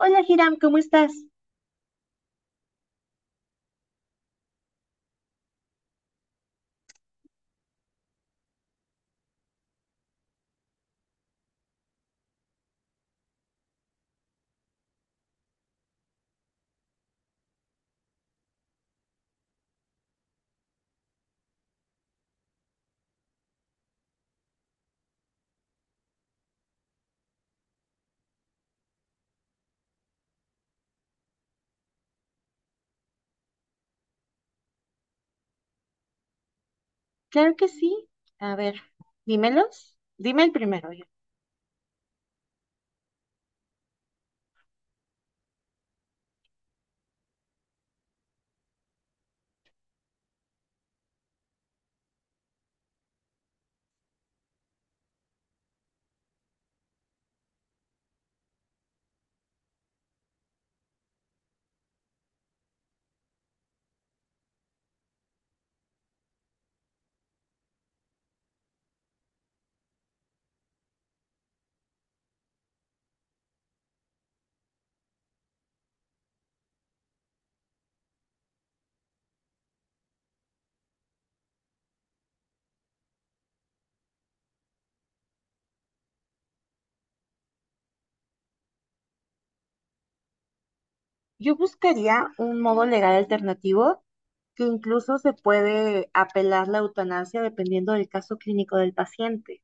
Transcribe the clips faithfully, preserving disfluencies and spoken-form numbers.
Hola, Hiram, ¿cómo estás? Claro que sí. A ver, dímelos. Dime el primero. Yo, yo buscaría un modo legal alternativo que incluso se puede apelar la eutanasia dependiendo del caso clínico del paciente.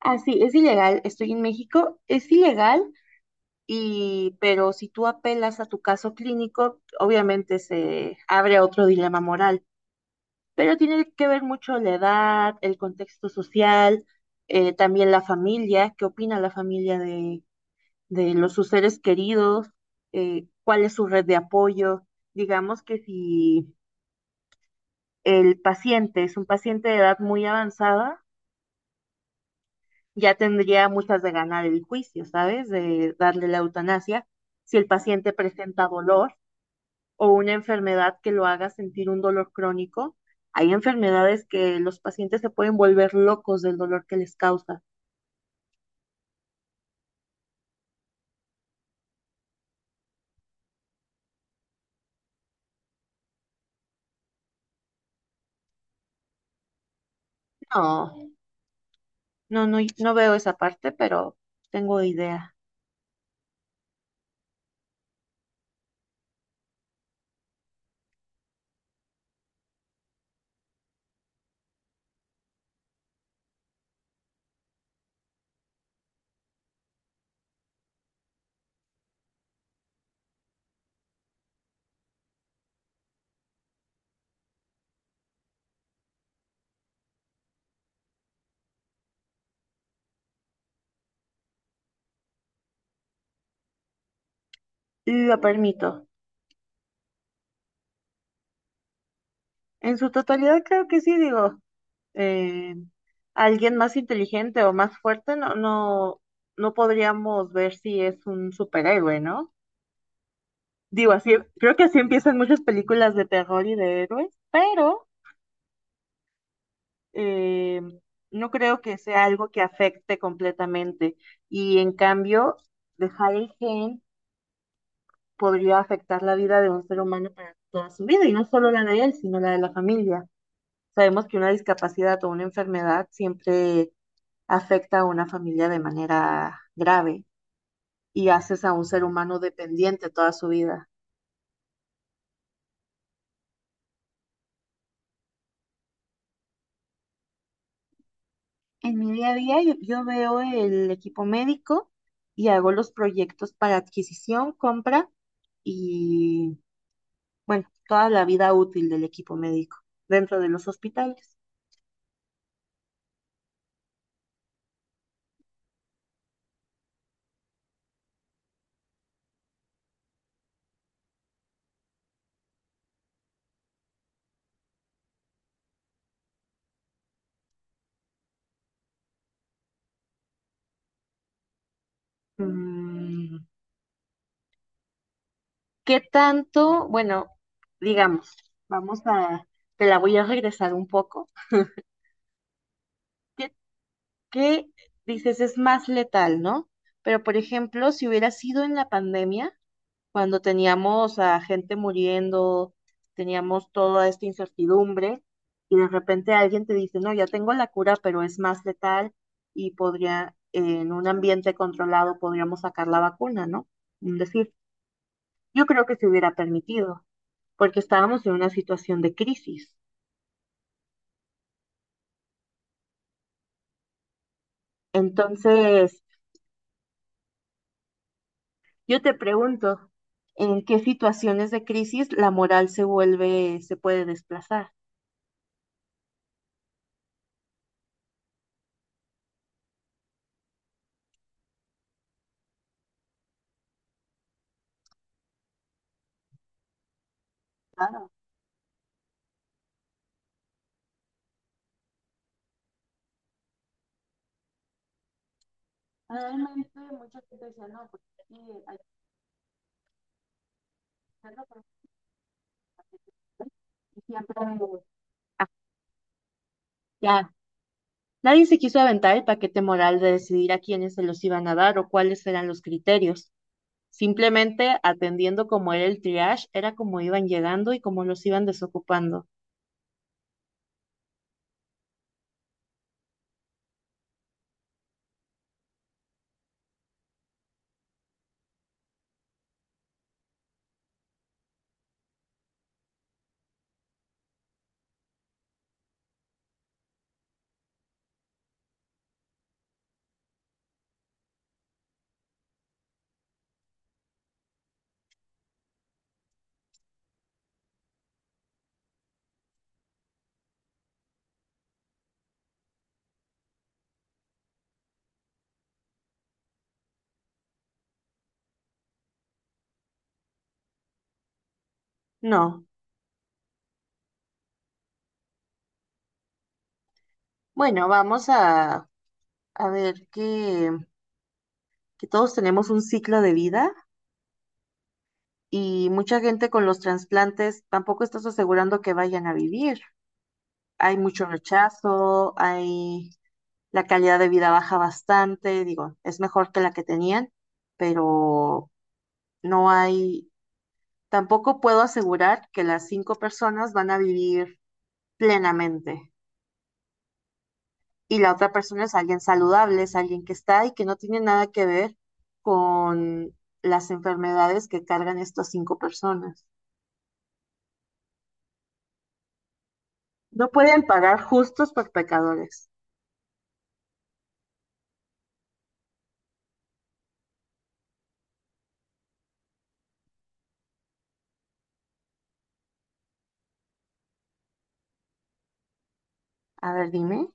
Ah, sí, es ilegal. Estoy en México. Es ilegal, y, pero si tú apelas a tu caso clínico, obviamente se abre otro dilema moral. Pero tiene que ver mucho la edad, el contexto social, eh, también la familia, qué opina la familia de, de los sus seres queridos, eh, cuál es su red de apoyo. Digamos que si el paciente es un paciente de edad muy avanzada, ya tendría muchas de ganar el juicio, ¿sabes? De darle la eutanasia. Si el paciente presenta dolor, o una enfermedad que lo haga sentir un dolor crónico. Hay enfermedades que los pacientes se pueden volver locos del dolor que les causa. No, no, no, no veo esa parte, pero tengo idea. Lo permito. En su totalidad creo que sí, digo, eh, alguien más inteligente o más fuerte no, no, no podríamos ver si es un superhéroe, ¿no? Digo, así, creo que así empiezan muchas películas de terror y de héroes, pero eh, no creo que sea algo que afecte completamente. Y en cambio, dejar el gen podría afectar la vida de un ser humano para toda su vida, y no solo la de él, sino la de la familia. Sabemos que una discapacidad o una enfermedad siempre afecta a una familia de manera grave y haces a un ser humano dependiente toda su vida. En mi día a día yo, yo veo el equipo médico y hago los proyectos para adquisición, compra y bueno, toda la vida útil del equipo médico dentro de los hospitales. Mm, ¿Qué tanto? Bueno, digamos, vamos a, te la voy a regresar un poco. ¿Qué, qué dices? Es más letal, ¿no? Pero, por ejemplo, si hubiera sido en la pandemia, cuando teníamos a gente muriendo, teníamos toda esta incertidumbre y de repente alguien te dice, no, ya tengo la cura, pero es más letal y podría, eh, en un ambiente controlado, podríamos sacar la vacuna, ¿no? Es decir, yo creo que se hubiera permitido, porque estábamos en una situación de crisis. Entonces, yo te pregunto, ¿en qué situaciones de crisis la moral se vuelve, se puede desplazar? Claro, realmente mucha gente decía, no, porque aquí hay Siempre- Ah, ya. Nadie se quiso aventar el paquete moral de decidir a quiénes se los iban a dar o cuáles eran los criterios. Simplemente atendiendo cómo era el triage, era como iban llegando y cómo los iban desocupando. No. Bueno, vamos a, a ver que, que todos tenemos un ciclo de vida y mucha gente con los trasplantes tampoco estás asegurando que vayan a vivir. Hay mucho rechazo, hay la calidad de vida baja bastante, digo, es mejor que la que tenían, pero no hay, tampoco puedo asegurar que las cinco personas van a vivir plenamente. Y la otra persona es alguien saludable, es alguien que está y que no tiene nada que ver con las enfermedades que cargan estas cinco personas. No pueden pagar justos por pecadores. A ver, dime.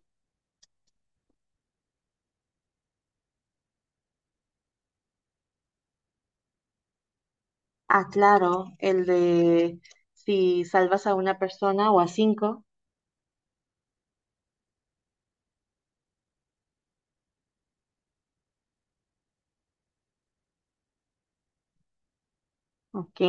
Ah, claro, el de si salvas a una persona o a cinco, ¿ok?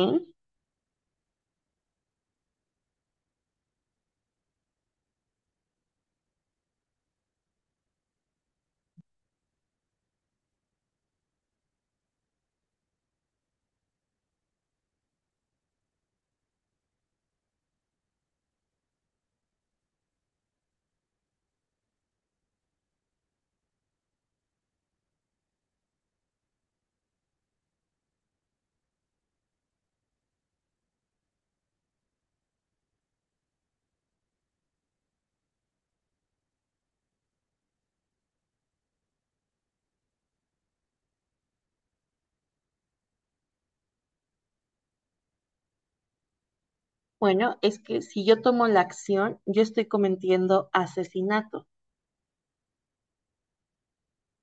Bueno, es que si yo tomo la acción, yo estoy cometiendo asesinato.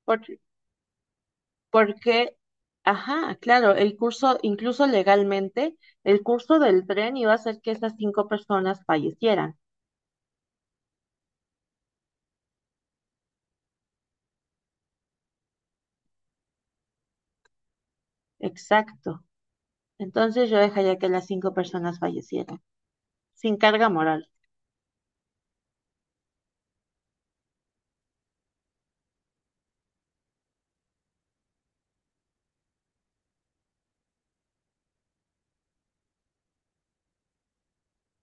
Por- Porque, ajá, claro, el curso, incluso legalmente, el curso del tren iba a hacer que esas cinco personas fallecieran. Exacto. Entonces yo dejaría que las cinco personas fallecieran, sin carga moral.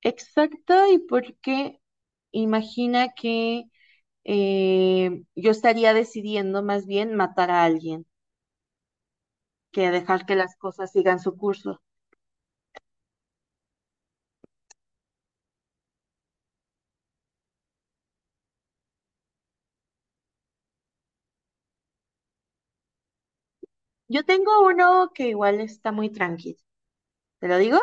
Exacto, y porque imagina que eh, yo estaría decidiendo más bien matar a alguien que dejar que las cosas sigan su curso. Yo tengo uno que igual está muy tranquilo, ¿te lo digo?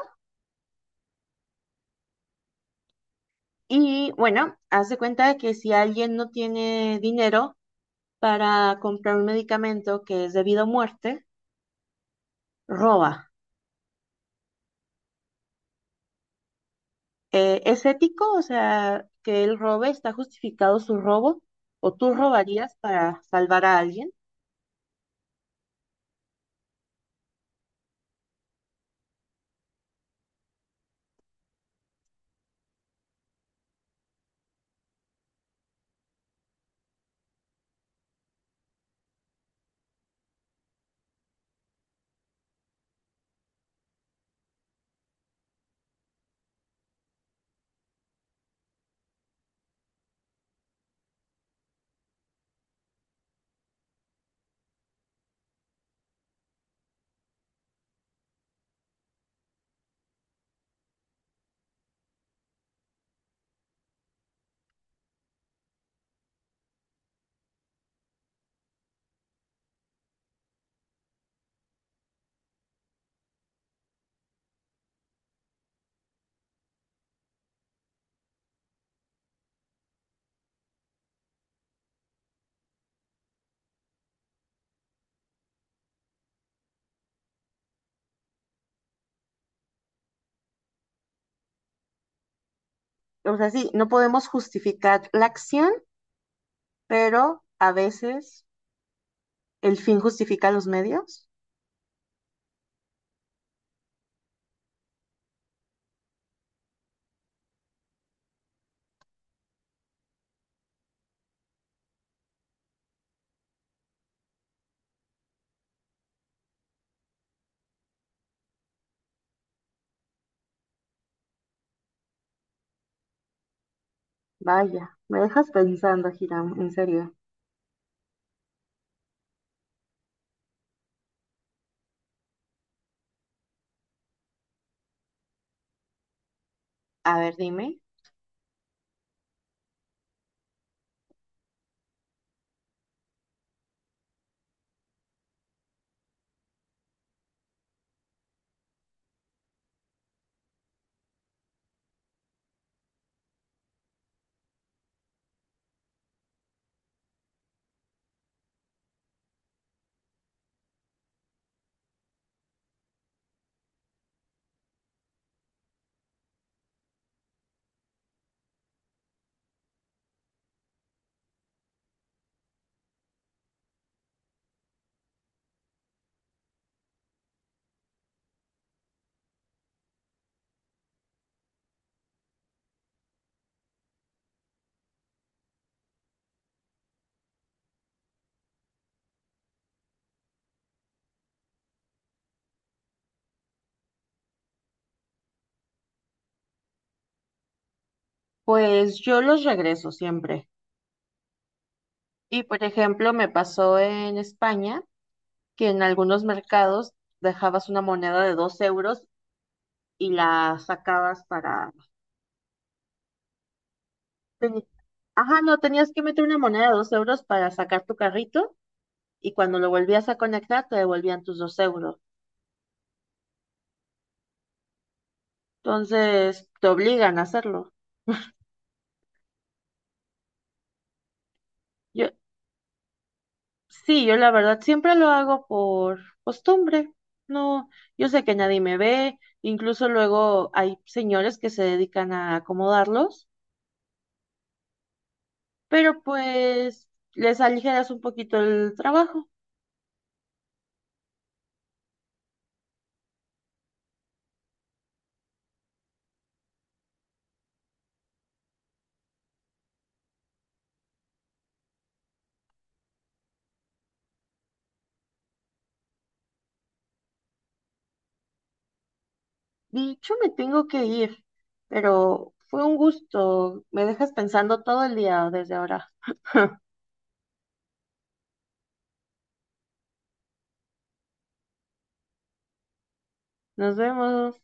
Y bueno, haz de cuenta de que si alguien no tiene dinero para comprar un medicamento que es debido a muerte, roba. Eh, ¿es ético? O sea, que él robe, ¿está justificado su robo? ¿O tú robarías para salvar a alguien? O sea, sí, no podemos justificar la acción, pero a veces el fin justifica los medios. Vaya, me dejas pensando, Hiram, en serio. A ver, dime. Pues yo los regreso siempre. Y por ejemplo, me pasó en España que en algunos mercados dejabas una moneda de dos euros y la sacabas para... teni- Ajá, no, tenías que meter una moneda de dos euros para sacar tu carrito y cuando lo volvías a conectar te devolvían tus dos euros. Entonces, te obligan a hacerlo. Yo, sí, yo la verdad siempre lo hago por costumbre. No, yo sé que nadie me ve, incluso luego hay señores que se dedican a acomodarlos, pero pues les aligeras un poquito el trabajo. Dicho, me tengo que ir, pero fue un gusto. Me dejas pensando todo el día desde ahora. Nos vemos.